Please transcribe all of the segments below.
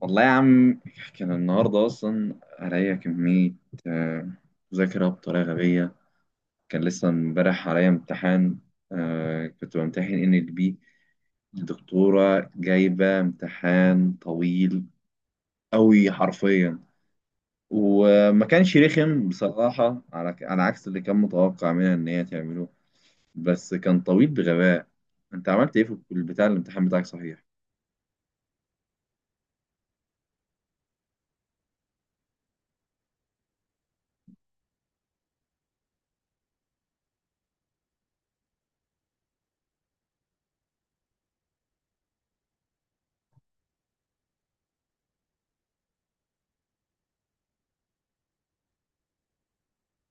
والله يا عم، كان النهاردة أصلا عليا كمية آه، مذاكرة بطريقة غبية. كان لسه امبارح عليا امتحان. كنت بمتحن ان ال بي. الدكتورة جايبة امتحان طويل أوي حرفيا، وما كانش رخم بصراحة، على عكس اللي كان متوقع منها إن هي تعمله. بس كان طويل بغباء. أنت عملت إيه في البتاع الامتحان بتاعك صحيح؟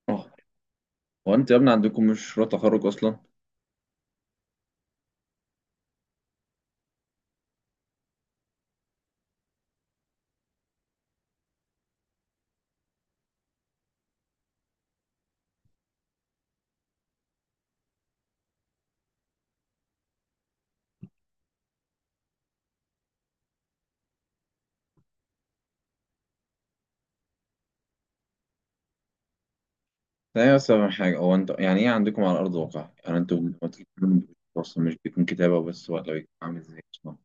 اه، هو أنت يا ابني عندكم مشروع تخرج أصلا؟ لا يا سامح حاجة، هو انت يعني ايه عندكم على أرض الواقع؟ يعني انتوا لما تيجي تعملوا، أصلا مش بيكون كتابة بس ولا بيكون عامل ازاي أصلا؟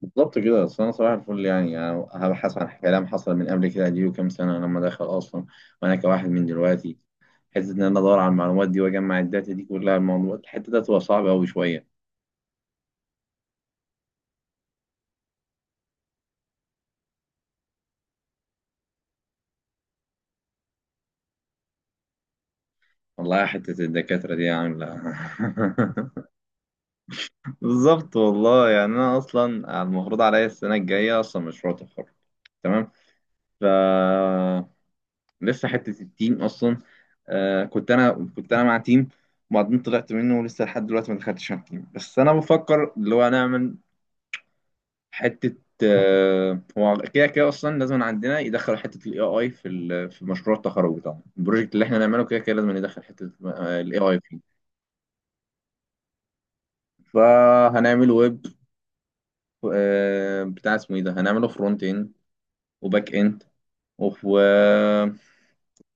بالظبط كده. أصل أنا صباح الفل، يعني أنا هبحث عن كلام حصل من قبل كده دي، وكام سنة لما دخل أصلا. وأنا كواحد من دلوقتي، حتة إن أنا أدور على المعلومات دي وأجمع الداتا دي كلها، الموضوع الحتة ده تبقى صعبة أوي شوية. والله حتة الدكاترة دي عاملة بالظبط والله. يعني أنا أصلا المفروض عليا السنة الجاية أصلا مشروع تخرج، تمام؟ ف لسه حته التيم اصلا. آه، كنت انا مع تيم، وبعدين طلعت منه، ولسه لحد دلوقتي ما دخلتش على التيم. بس انا بفكر اللي هو نعمل حته. آه، هو كده كده اصلا لازم عندنا يدخلوا حته الاي اي في في مشروع التخرج بتاعنا. البروجكت اللي احنا نعمله كده كده لازم ندخل حته الاي اي فيه. فهنعمل ويب، آه بتاع اسمه ايه ده، هنعمله فرونت اند وباك اند،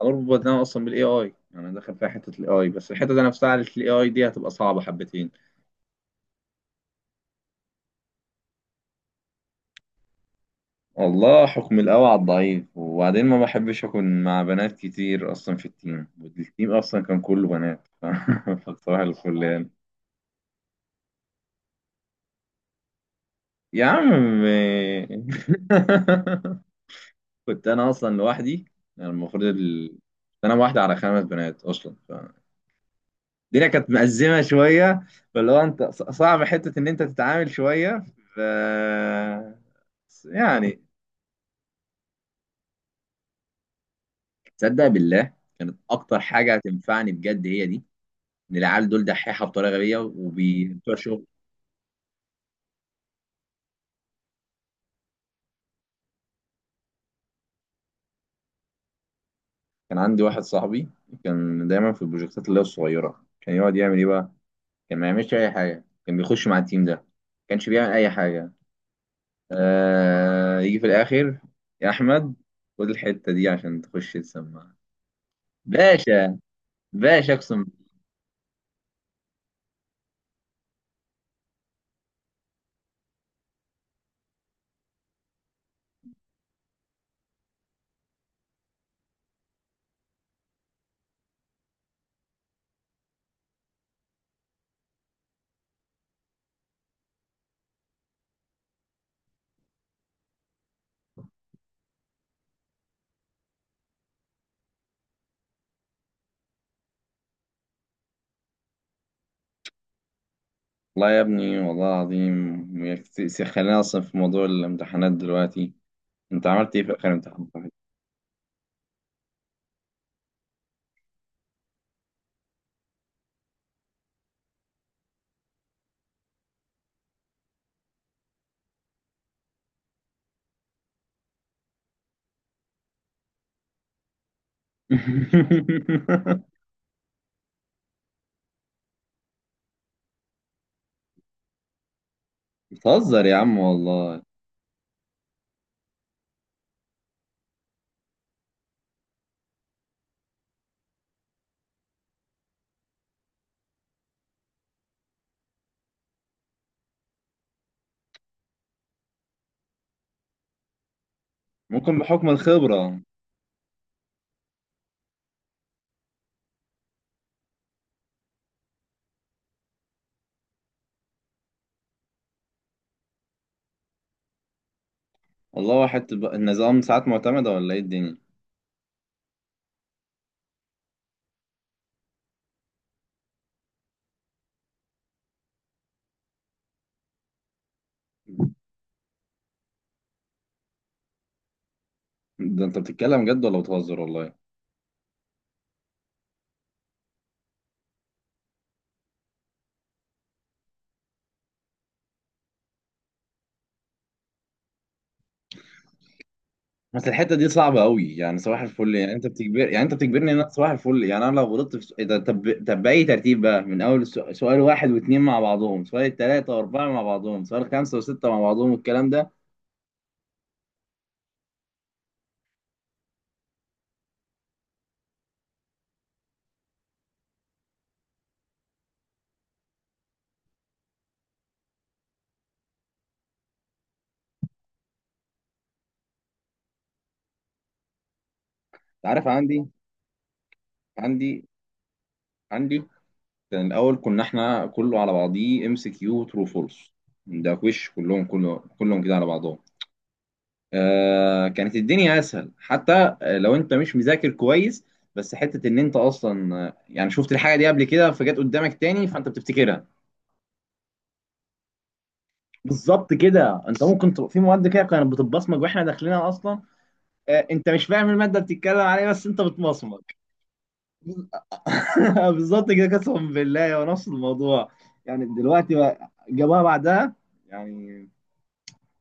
اربط ده اصلا بالاي اي. انا داخل فيها حته الاي اي، بس الحته دي نفسها على الاي اي دي هتبقى صعبه حبتين. والله حكم القوي على الضعيف. وبعدين ما بحبش اكون مع بنات كتير اصلا في التيم، والتيم اصلا كان كله بنات فصباح الفل يعني. يا عم كنت انا اصلا لوحدي. يعني المفروض ال... انا واحده على 5 بنات اصلا، الدنيا كانت مأزمة شوية. فاللي هو انت صعب حتة ان انت تتعامل شوية. ف، يعني، تصدق بالله، كانت اكتر حاجة هتنفعني بجد هي دي، ان العيال دول دحيحة بطريقة غبية وبتوع شغل. كان عندي واحد صاحبي، كان دايما في البروجكتات اللي هي الصغيرة، كان يقعد يعمل ايه بقى، كان ما يعملش اي حاجة، كان بيخش مع التيم ده ما كانش بيعمل اي حاجة. آه... يجي في الاخر يا احمد خد الحتة دي عشان تخش تسمع باشا، باشا اقسم. والله يا ابني والله العظيم، يا خلينا اصلا في موضوع الامتحانات دلوقتي. انت عملت ايه في اخر امتحان صحيح؟ بتهزر يا عم والله. ممكن بحكم الخبرة. والله واحد النظام ساعات معتمدة ولا ايه الدنيا؟ ده انت بتتكلم جد ولا بتهزر والله؟ بس الحتة دي صعبة قوي. يعني صباح الفل، يعني انت بتجبر، يعني انت بتجبرني ان انا صباح الفل، يعني انا لو غلطت في إيه ده طب؟ طب بأي ترتيب بقى، من اول سؤال واحد واثنين مع بعضهم، سؤال ثلاثة واربعة مع بعضهم، سؤال خمسة وستة مع بعضهم والكلام ده؟ عارف عندي. عندي عندي، كان الاول كنا احنا كله على بعضيه ام سي كيو ترو فولس. ده وش كلهم، كله كلهم كده على بعضهم. آه، كانت الدنيا اسهل حتى لو انت مش مذاكر كويس. بس حته ان انت اصلا، يعني شفت الحاجه دي قبل كده فجت قدامك تاني فانت بتفتكرها. بالظبط كده، انت ممكن تبقى في مواد كده كانت بتتبصمج واحنا داخلينها اصلا. آه، انت مش فاهم الماده بتتكلم عليها بس انت بتبصمج. بالظبط كده، قسما بالله هو نفس الموضوع. يعني دلوقتي بقى جابوها بعدها، يعني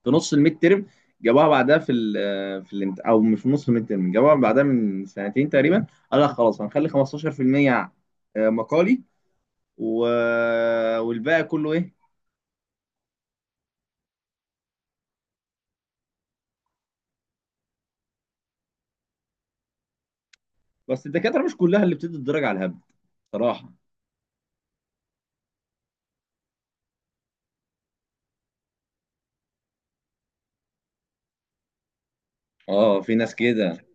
في نص الميد ترم جابوها بعدها في ال في الامت... او مش في نص الميد ترم، جابوها بعدها من سنتين تقريبا. قال لك خلاص هنخلي 15% مقالي، و... والباقي كله ايه. بس الدكاتره مش كلها اللي بتدي الدرجه على الهبل صراحه. اه، في ناس كده.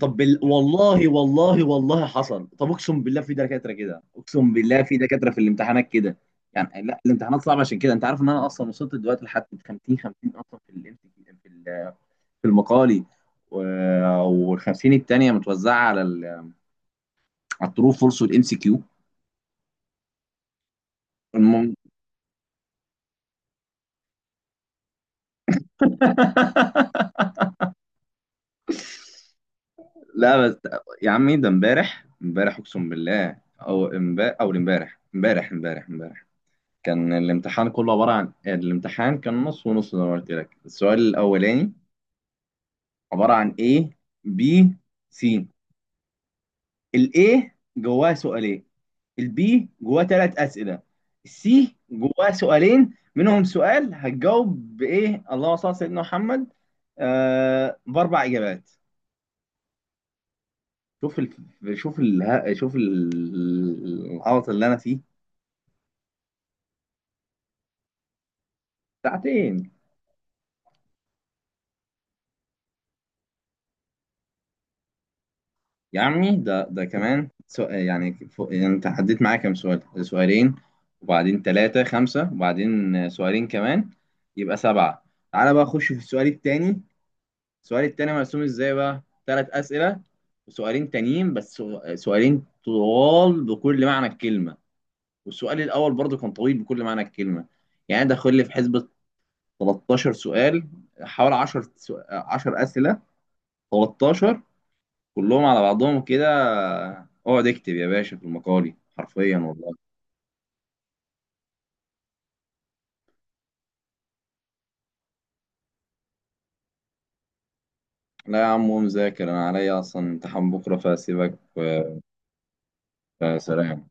طب والله والله والله حصل. طب اقسم بالله في دكاتره كده، اقسم بالله في دكاتره في الامتحانات كده. يعني لا، الامتحانات صعبه عشان كده. انت عارف ان انا اصلا وصلت دلوقتي لحد 50 50 اصلا في ال، في ال- في المقالي، و... وال50 التانيه متوزعه على ال... على الترو فورس والام سي كيو. المهم لا بس يا عمي ده امبارح اقسم بالله، او امبارح، او امبارح. كان الامتحان كله عبارة عن، الامتحان كان نص ونص زي ما قلت لك. السؤال الأولاني عبارة عن A، B، C. ال A جواه سؤالين، ال B جواه 3 أسئلة، ال C جواه سؤالين منهم سؤال هتجاوب بإيه، اللهم صل على سيدنا محمد، آه، ب 4 إجابات. شوف ال... شوف ال... شوف ال- العبط اللي أنا فيه. ساعتين. يا عمي ده كمان سؤال يعني فوق. يعني انت عديت معايا كام سؤال؟ سؤالين، وبعدين ثلاثة، خمسة، وبعدين سؤالين كمان، يبقى 7. تعالى بقى اخش في السؤال التاني. السؤال التاني مرسوم ازاي بقى؟ 3 أسئلة وسؤالين تانيين بس، سؤالين طوال بكل معنى الكلمة، والسؤال الأول برضه كان طويل بكل معنى الكلمة. يعني دخل لي في حسبة 13 سؤال، حوالي 10 أسئلة، 13، كلهم على بعضهم كده. اقعد اكتب يا باشا في المقالي حرفيا والله. لا يا عم قوم ذاكر، انا عليا اصلا امتحان بكره فسيبك. سلام.